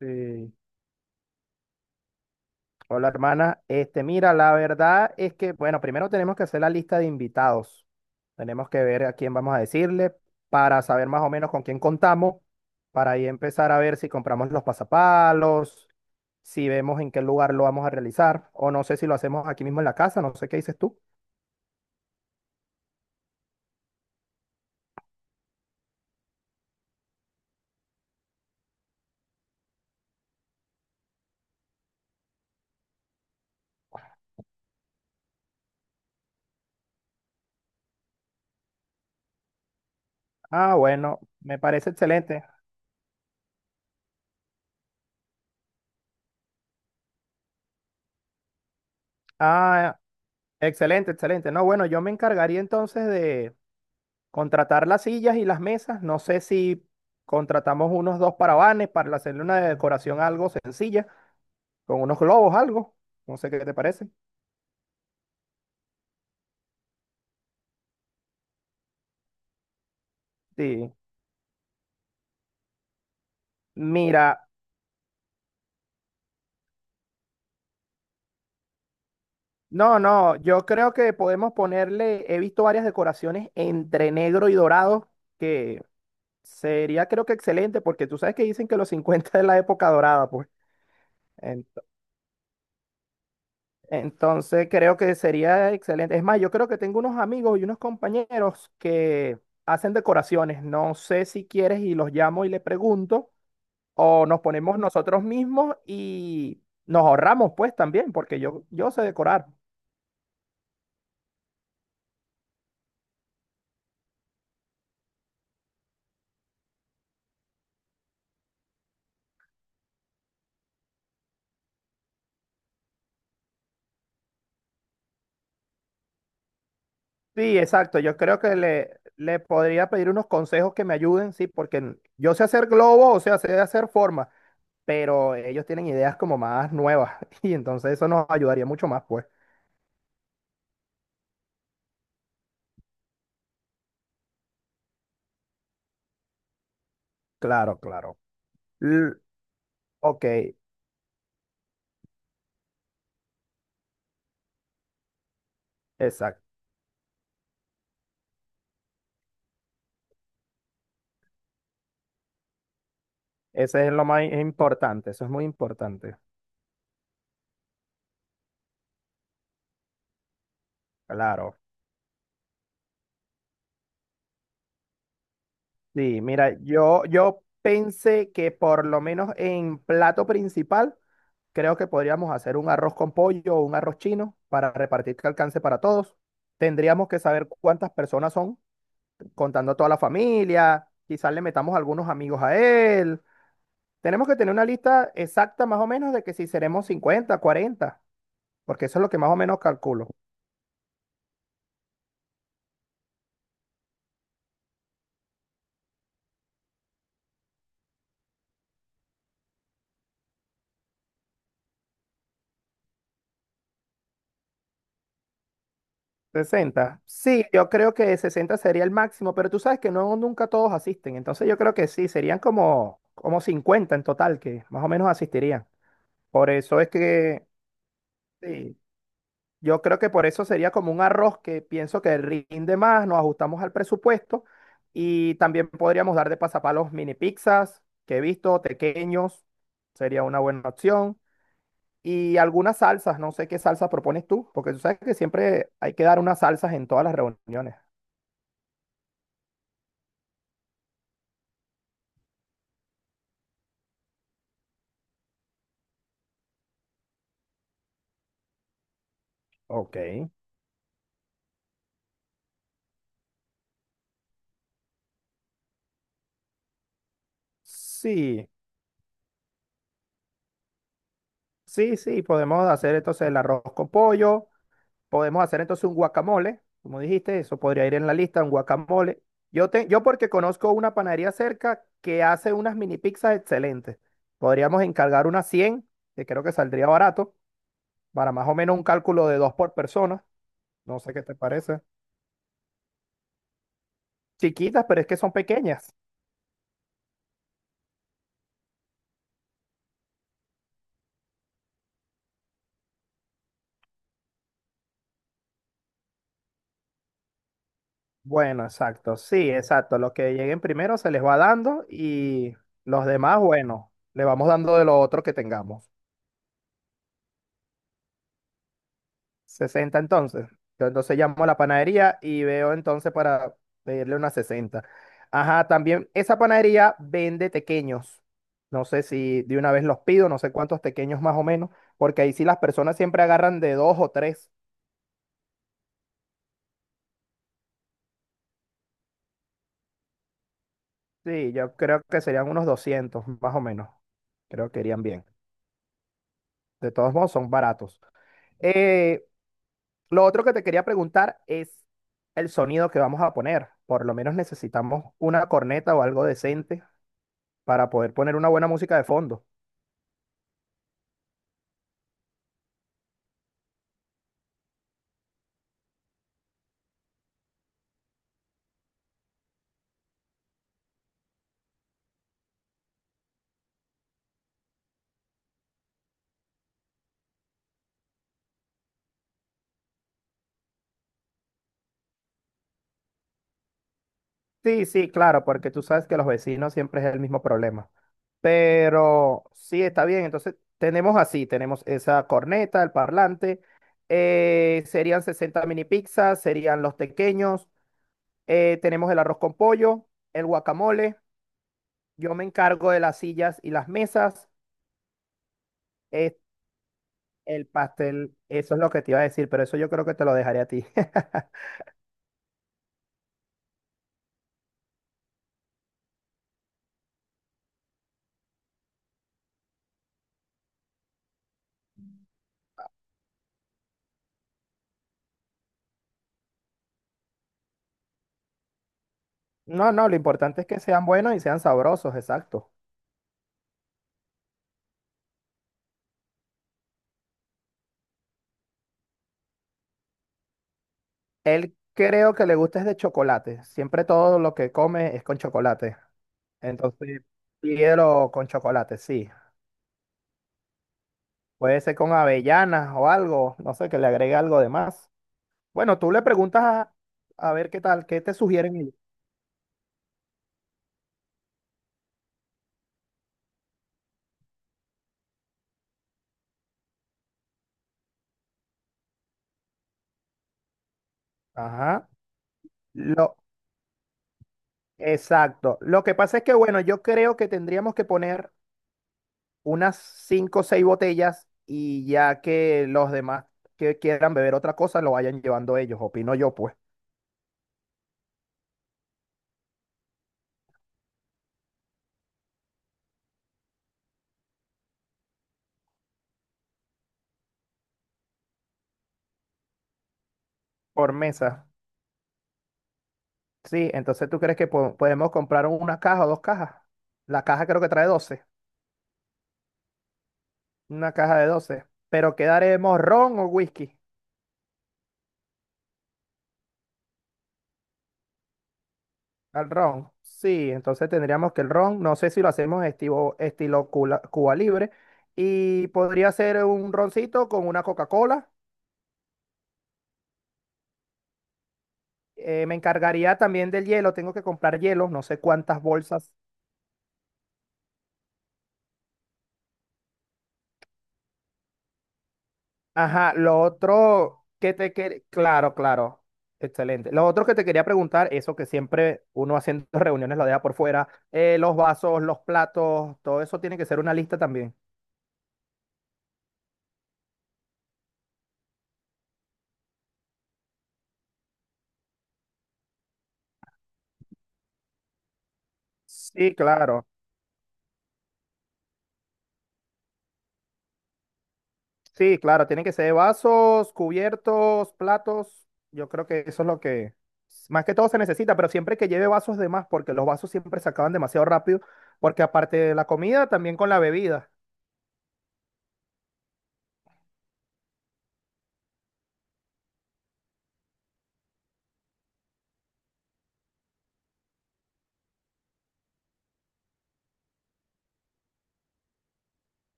Sí. Hola, hermana. Este, mira, la verdad es que, bueno, primero tenemos que hacer la lista de invitados. Tenemos que ver a quién vamos a decirle para saber más o menos con quién contamos, para ahí empezar a ver si compramos los pasapalos, si vemos en qué lugar lo vamos a realizar, o no sé si lo hacemos aquí mismo en la casa, no sé qué dices tú. Ah, bueno, me parece excelente. Ah, excelente, excelente. No, bueno, yo me encargaría entonces de contratar las sillas y las mesas. No sé si contratamos unos dos parabanes para hacerle una decoración algo sencilla, con unos globos, algo. No sé qué te parece. Sí. Mira, no, no, yo creo que podemos ponerle, he visto varias decoraciones entre negro y dorado, que sería creo que excelente, porque tú sabes que dicen que los 50 es la época dorada, pues. Entonces creo que sería excelente. Es más, yo creo que tengo unos amigos y unos compañeros que hacen decoraciones. No sé si quieres y los llamo y le pregunto o nos ponemos nosotros mismos y nos ahorramos pues también, porque yo sé decorar. Sí, exacto. Yo creo que le podría pedir unos consejos que me ayuden, sí, porque yo sé hacer globos, o sea, sé hacer formas, pero ellos tienen ideas como más nuevas y entonces eso nos ayudaría mucho más pues. Claro, claro. L- ok. Exacto. Ese es lo más importante, eso es muy importante. Claro. Sí, mira, yo pensé que por lo menos en plato principal, creo que podríamos hacer un arroz con pollo o un arroz chino para repartir que alcance para todos. Tendríamos que saber cuántas personas son, contando a toda la familia, quizás le metamos algunos amigos a él. Tenemos que tener una lista exacta más o menos de que si seremos 50, 40, porque eso es lo que más o menos calculo. 60. Sí, yo creo que 60 sería el máximo, pero tú sabes que no nunca todos asisten, entonces yo creo que sí, serían como, como 50 en total que más o menos asistirían. Por eso es que, sí, yo creo que por eso sería como un arroz que pienso que rinde más, nos ajustamos al presupuesto y también podríamos dar de pasapalos mini pizzas que he visto, pequeños, sería una buena opción. Y algunas salsas, no sé qué salsa propones tú, porque tú sabes que siempre hay que dar unas salsas en todas las reuniones. Ok. Sí, sí, sí, podemos hacer entonces el arroz con pollo, podemos hacer entonces un guacamole, como dijiste, eso podría ir en la lista, un guacamole. Yo porque conozco una panadería cerca que hace unas mini pizzas excelentes. Podríamos encargar unas 100 que creo que saldría barato, para más o menos un cálculo de dos por persona. No sé qué te parece. Chiquitas, pero es que son pequeñas. Bueno, exacto, sí, exacto. Los que lleguen primero se les va dando y los demás, bueno, le vamos dando de lo otro que tengamos. Sesenta entonces. Yo entonces llamo a la panadería y veo entonces para pedirle una 60. Ajá, también esa panadería vende tequeños. No sé si de una vez los pido, no sé cuántos tequeños más o menos, porque ahí sí las personas siempre agarran de dos o tres. Sí, yo creo que serían unos 200 más o menos. Creo que irían bien. De todos modos, son baratos. Eh, Lo otro que te quería preguntar es el sonido que vamos a poner. Por lo menos necesitamos una corneta o algo decente para poder poner una buena música de fondo. Sí, sí, claro, porque tú sabes que los vecinos siempre es el mismo problema. Pero sí, está bien. Entonces, tenemos así, tenemos esa corneta, el parlante, serían 60 mini pizzas, serían los pequeños, tenemos el arroz con pollo, el guacamole, yo me encargo de las sillas y las mesas, eh, el pastel, eso es lo que te iba a decir, pero eso yo creo que te lo dejaré a ti. No, no, lo importante es que sean buenos y sean sabrosos, exacto. Él creo que le gusta es de chocolate. Siempre todo lo que come es con chocolate. Entonces, pídelo con chocolate, sí. Puede ser con avellanas o algo, no sé, que le agregue algo de más. Bueno, tú le preguntas a ver qué tal, qué te sugieren ellos. Ajá. Lo, exacto. Lo que pasa es que, bueno, yo creo que tendríamos que poner unas cinco o seis botellas y ya que los demás que quieran beber otra cosa lo vayan llevando ellos, opino yo, pues, por mesa. Sí, entonces tú crees que podemos comprar una caja o dos cajas. La caja creo que trae 12, una caja de 12. Pero ¿quedaremos ron o whisky? Al ron. Sí, entonces tendríamos que el ron, no sé si lo hacemos estilo Cuba, Cuba Libre, y podría ser un roncito con una Coca-Cola. Me encargaría también del hielo, tengo que comprar hielo, no sé cuántas bolsas. Ajá, lo otro que te quería, claro, claro, excelente. Lo otro que te quería preguntar, eso que siempre uno haciendo reuniones lo deja por fuera, los vasos, los platos, todo eso tiene que ser una lista también. Sí, claro, sí, claro, tienen que ser vasos, cubiertos, platos, yo creo que eso es lo que más que todo se necesita, pero siempre que lleve vasos de más, porque los vasos siempre se acaban demasiado rápido, porque aparte de la comida, también con la bebida.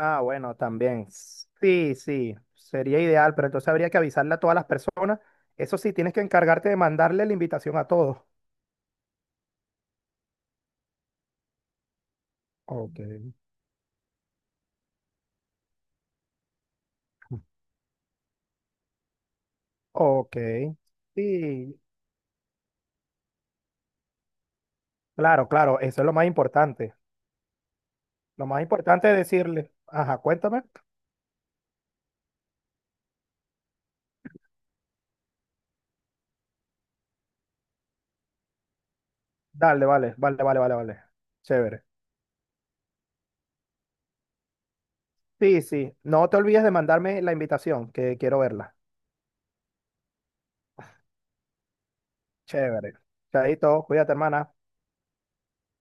Ah, bueno, también. Sí, sí, sería ideal, pero entonces habría que avisarle a todas las personas. Eso sí, tienes que encargarte de mandarle la invitación a todos. Ok. Ok. Sí, claro, claro, eso es lo más importante. Lo más importante es decirle, ajá, cuéntame. Dale, vale, vale, vale, vale, vale. Chévere. Sí, sí, no te olvides de mandarme la invitación, que quiero verla. Chévere. Chaito, cuídate, hermana.